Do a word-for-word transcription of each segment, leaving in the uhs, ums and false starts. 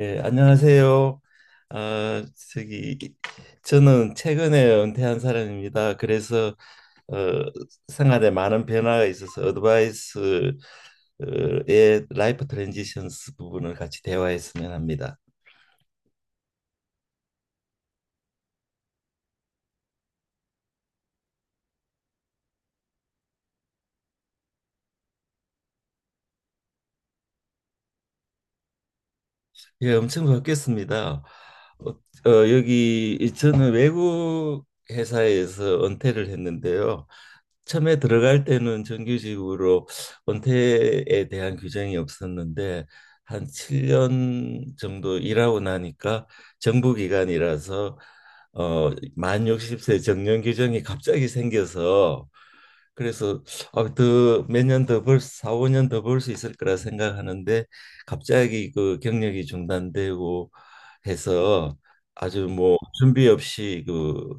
예, 안녕하세요. 아, 저기 저는 최근에 은퇴한 사람입니다. 그래서 어, 생활에 많은 변화가 있어서 어드바이스의 라이프 트랜지션스 부분을 같이 대화했으면 합니다. 예, 엄청 바뀌었습니다. 어, 어, 여기 이- 저는 외국 회사에서 은퇴를 했는데요. 처음에 들어갈 때는 정규직으로 은퇴에 대한 규정이 없었는데 한 칠 년 정도 일하고 나니까 정부 기관이라서 어, 만 육십 세 정년 규정이 갑자기 생겨서 그래서 어, 더몇 년 더 벌, 사 오 년 더 벌 수 있을 거라 생각하는데 갑자기 그 경력이 중단되고 해서 아주 뭐 준비 없이 그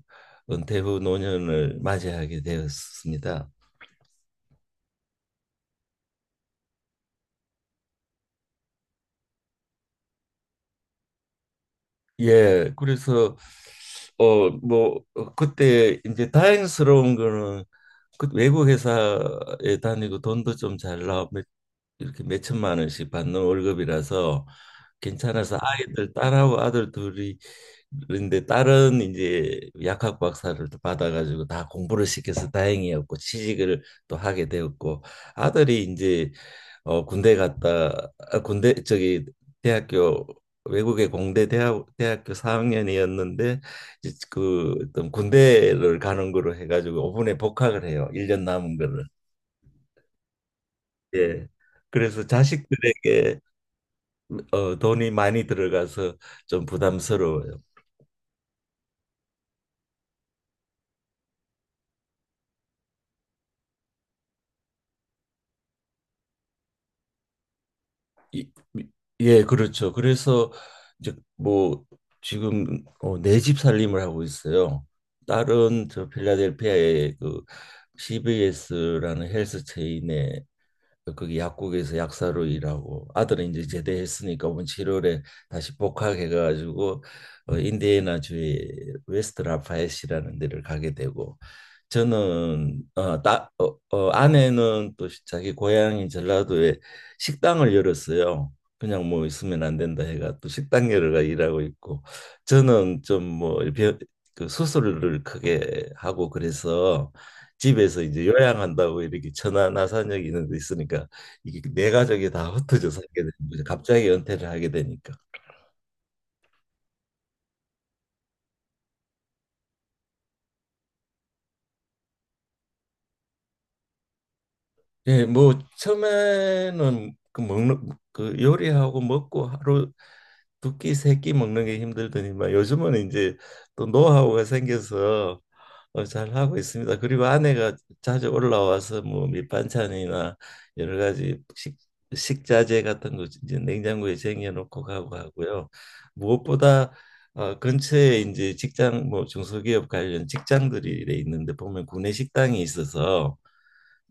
은퇴 후 노년을 맞이하게 되었습니다. 예, 그래서 어뭐 어, 그때 이제 다행스러운 거는 그 외국 회사에 다니고 돈도 좀 잘 나와 몇- 이렇게 몇 천만 원씩 받는 월급이라서 괜찮아서 아이들 딸하고 아들 둘이. 그런데 딸은 이제 약학 박사를 또 받아가지고 다 공부를 시켜서 다행이었고 취직을 또 하게 되었고, 아들이 이제 어 군대 갔다, 아, 군대 저기 대학교, 외국의 공대 대학, 대학교 사 학년이었는데 이제 그 어떤 군대를 가는 거로 해가지고 오 분에 복학을 해요. 일 년 남은 거를. 예. 그래서 자식들에게 어, 돈이 많이 들어가서 좀 부담스러워요. 이, 예, 그렇죠. 그래서 이제 뭐 지금 어, 내집 살림을 하고 있어요. 딸은 저 필라델피아의 그 씨비에스라는 헬스 체인에 거기 약국에서 약사로 일하고, 아들은 이제 제대했으니까 이번 칠월에 다시 복학해가지고 어, 인디애나주의 웨스트 라파엣이라는 데를 가게 되고, 저는 어, 따, 어, 어, 아내는 또 자기 고향인 전라도에 식당을 열었어요. 그냥 뭐 있으면 안 된다 해가 또 식당 열어가 일하고 있고, 저는 좀 뭐 그 수술을 크게 하고 그래서 집에서 이제 요양한다고 이렇게 천안 아산역 이런 데 있으니까 이게 내 가족이 다 흩어져 살게 되는 거죠. 갑자기 은퇴를 하게 되니까. 예, 뭐 처음에는 그 먹는 그 요리하고 먹고 하루 두끼 세끼 먹는 게 힘들더니만 요즘은 이제 또 노하우가 생겨서 어, 잘 하고 있습니다. 그리고 아내가 자주 올라와서 뭐 밑반찬이나 여러 가지 식 식자재 같은 거 이제 냉장고에 쟁여놓고 가고 하고요. 무엇보다 어, 근처에 이제 직장 뭐 중소기업 관련 직장들이 이래 있는데 보면 구내 식당이 있어서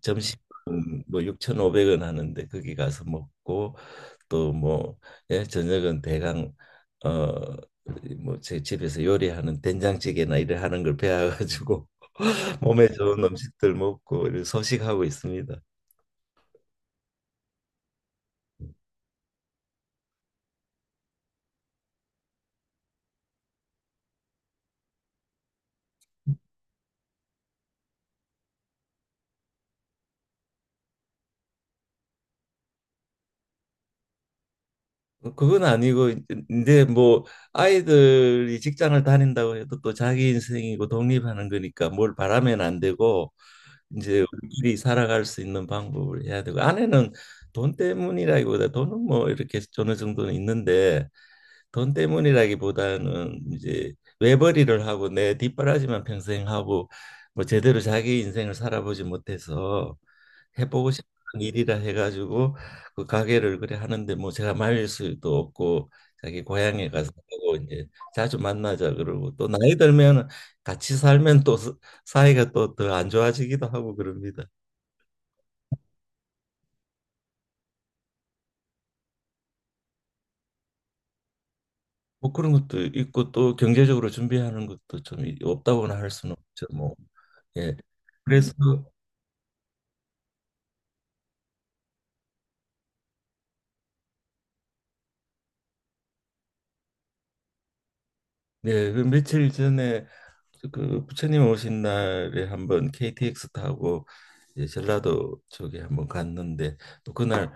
점심은 뭐 육천오백 원 하는데 거기 가서 먹고, 또 뭐 예, 저녁은 대강 어 뭐 제 집에서 요리하는 된장찌개나 이래 하는 걸 배워가지고 몸에 좋은 음식들 먹고 이렇게 소식하고 있습니다. 그건 아니고 이제- 근데 뭐 아이들이 직장을 다닌다고 해도 또 자기 인생이고 독립하는 거니까 뭘 바라면 안 되고, 이제 우리끼리 살아갈 수 있는 방법을 해야 되고. 아내는 돈 때문이라기보다, 돈은 뭐 이렇게 어느 정도는 있는데 돈 때문이라기보다는 이제 외벌이를 하고 내 뒷바라지만 평생 하고 뭐 제대로 자기 인생을 살아보지 못해서 해보고 싶은 일이라 해가지고 그 가게를 그래 하는데 뭐 제가 말릴 수도 없고 자기 고향에 가서 하고. 이제 자주 만나자 그러고, 또 나이 들면 같이 살면 또 사- 사이가 또 더 안 좋아지기도 하고 그럽니다. 뭐 그런 것도 있고 또 경제적으로 준비하는 것도 좀 이- 없다고나 할 수는 없죠 뭐. 예. 그래서 네, 그 며칠 전에 그 부처님 오신 날에 한번 케이티엑스 타고 이제 전라도 쪽에 한번 갔는데, 또 그날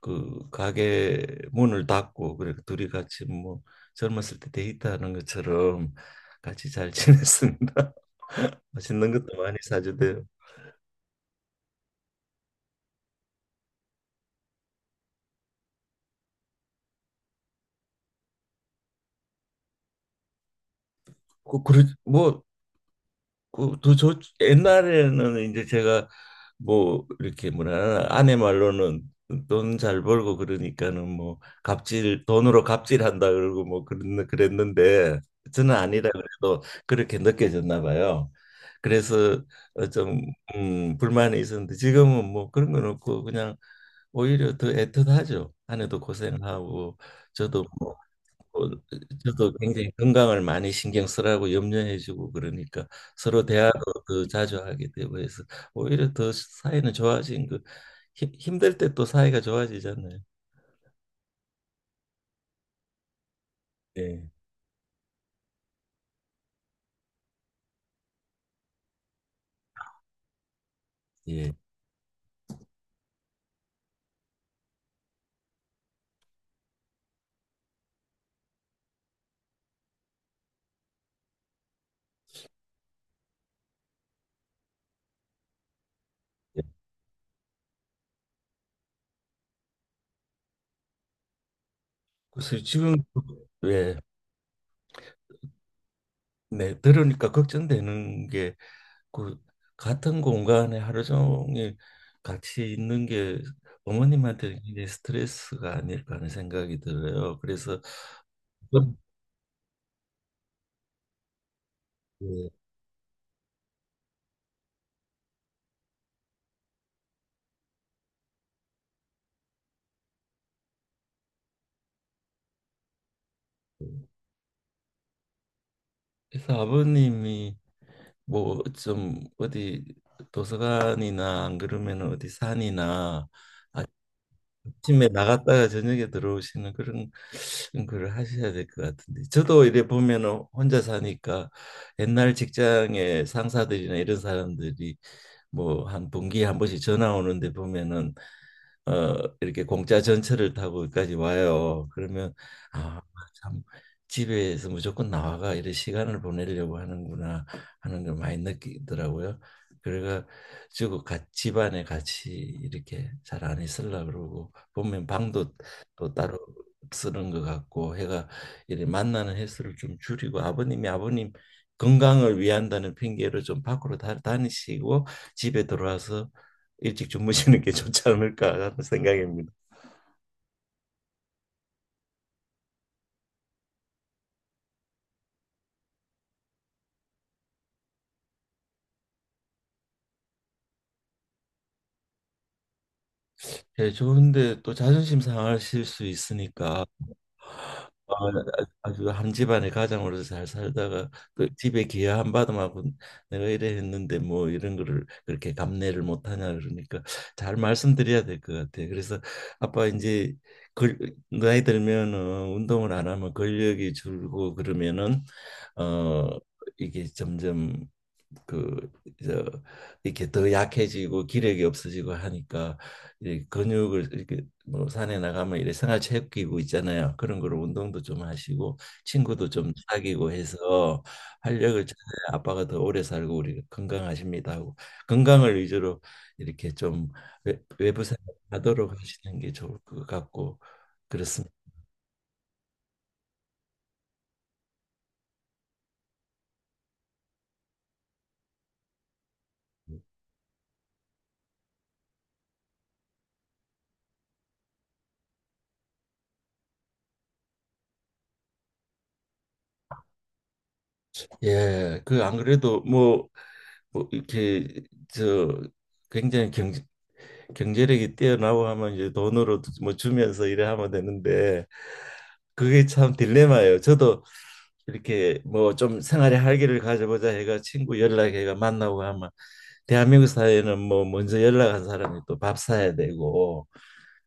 그 가게 문을 닫고 그래 둘이 같이 뭐 젊었을 때 데이트하는 것처럼 같이 잘 지냈습니다. 맛있는 것도 많이 사주대요. 그, 그러, 뭐 그저 옛날에는 이제 제가 뭐 이렇게 뭐라 하나, 아내 말로는 돈 잘 벌고 그러니까는 뭐 갑질, 돈으로 갑질한다 그러고 뭐 그런 그랬는데 저는 아니라 그래도 그렇게 느껴졌나 봐요. 그래서 어, 좀 음, 불만이 있었는데 지금은 뭐 그런 건 없고 그냥 오히려 더 애틋하죠. 아내도 고생하고 저도 뭐 어, 저도 굉장히 건강을 많이 신경 쓰라고 염려해주고 그러니까 서로 대화도 더 자주 하게 되고 해서 오히려 더 사이는 좋아진 그 힘- 힘들 때 또 사이가 좋아지잖아요. 예, 예. 예. 그래서 지금, 왜, 네, 들으니까 걱정되는 게 그 같은 공간에 하루 종일 같이 있는 게 어머님한테는 굉장히 스트레스가 아닐까 하는 생각이 들어요. 그래서 그- 예. 그래서 아버님이 뭐 좀 어디 도서관이나, 안 그러면 어디 산이나 아침에 나갔다가 저녁에 들어오시는 그런 걸 하셔야 될 것 같은데, 저도 이래 보면은 혼자 사니까 옛날 직장의 상사들이나 이런 사람들이 뭐 한 분기에 한 번씩 전화 오는데 보면은 어, 이렇게 공짜 전철을 타고 여기까지 와요. 그러면 아, 참 집에서 무조건 나와가 이런 시간을 보내려고 하는구나 하는 걸 많이 느끼더라고요. 그래가지고 같 집안에 같이 이렇게 잘 안 있으려 그러고, 보면 방도 또 따로 쓰는 것 같고 해가, 이렇게 만나는 횟수를 좀 줄이고 아버님이 아버님 건강을 위한다는 핑계로 좀 밖으로 다, 다니시고 집에 들어와서 일찍 주무시는 게 좋지 않을까 하는 생각입니다. 예, 좋은데 또 자존심 상하실 수 있으니까 어, 아주 한 집안의 가장으로서 잘 살다가 그 집에 기여 한 바람하고 내가 이래 했는데 뭐 이런 거를 그렇게 감내를 못하냐 그러니까 잘 말씀드려야 될 것 같아요. 그래서 아빠 이제 걸, 나이 들면은 운동을 안 하면 근력이 줄고, 그러면은 어 이게 점점 그저 이렇게 더 약해지고 기력이 없어지고 하니까 이 근육을 이렇게 뭐 산에 나가면 이래 생활 체육기구 있잖아요. 그런 거로 운동도 좀 하시고 친구도 좀 사귀고 해서 활력을 찾아야 아빠가 더 오래 살고 우리 건강하십니다 하고, 건강을 위주로 이렇게 좀 외- 외부 생활하도록 하시는 게 좋을 것 같고 그렇습니다. 예, 그 안 그래도 뭐, 뭐 이렇게 저 굉장히 경, 경제력이 뛰어나고 하면 이제 돈으로 뭐 주면서 이래 하면 되는데, 그게 참 딜레마예요. 저도 이렇게 뭐 좀 생활의 활기를 가져보자 해가 친구 연락해가 만나고 하면 대한민국 사회는 뭐 먼저 연락한 사람이 또 밥 사야 되고,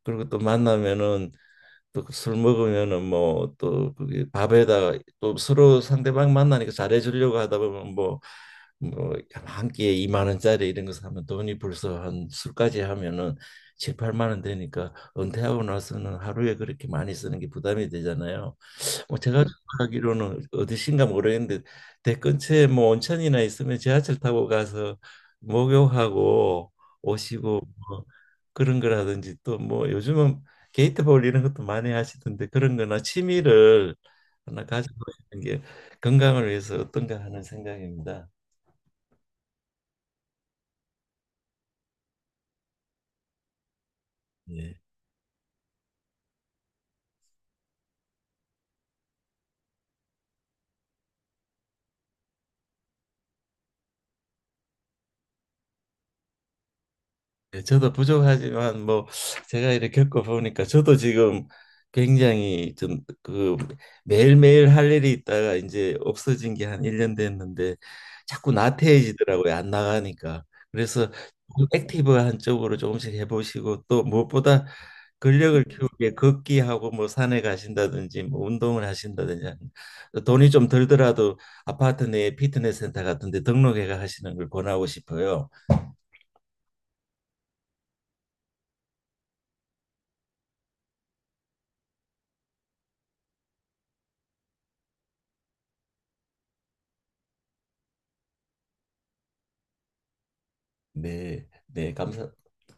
그리고 또 만나면은 또술 먹으면은 뭐 또 그게 밥에다가 또 서로 상대방 만나니까 잘해주려고 하다 보면 뭐 뭐 한 끼에 이만 원짜리 이런 거 사면 돈이 벌써 한 술까지 하면은 칠, 팔만 원 되니까 은퇴하고 나서는 하루에 그렇게 많이 쓰는 게 부담이 되잖아요. 뭐 제가 생각하기로는 어디신가 모르겠는데 대 근처에 뭐 온천이나 있으면 지하철 타고 가서 목욕하고 오시고 뭐 그런 거라든지, 또 뭐 요즘은 게이트볼 이런 것도 많이 하시던데 그런 거나 취미를 하나 가져보시는 게 건강을 위해서 어떤가 하는 생각입니다. 예. 예, 저도 부족하지만 뭐 제가 이렇게 겪어보니까 저도 지금 굉장히 좀 그 매일매일 할 일이 있다가 이제 없어진 게 한 일 년 됐는데 자꾸 나태해지더라고요. 안 나가니까. 그래서 조금 액티브한 쪽으로 조금씩 해보시고, 또 무엇보다 근력을 키우게 걷기하고 뭐 산에 가신다든지 뭐 운동을 하신다든지 하는, 돈이 좀 들더라도 아파트 내 피트니스 센터 같은 데 등록해가 하시는 걸 권하고 싶어요. 네. 네, 감사,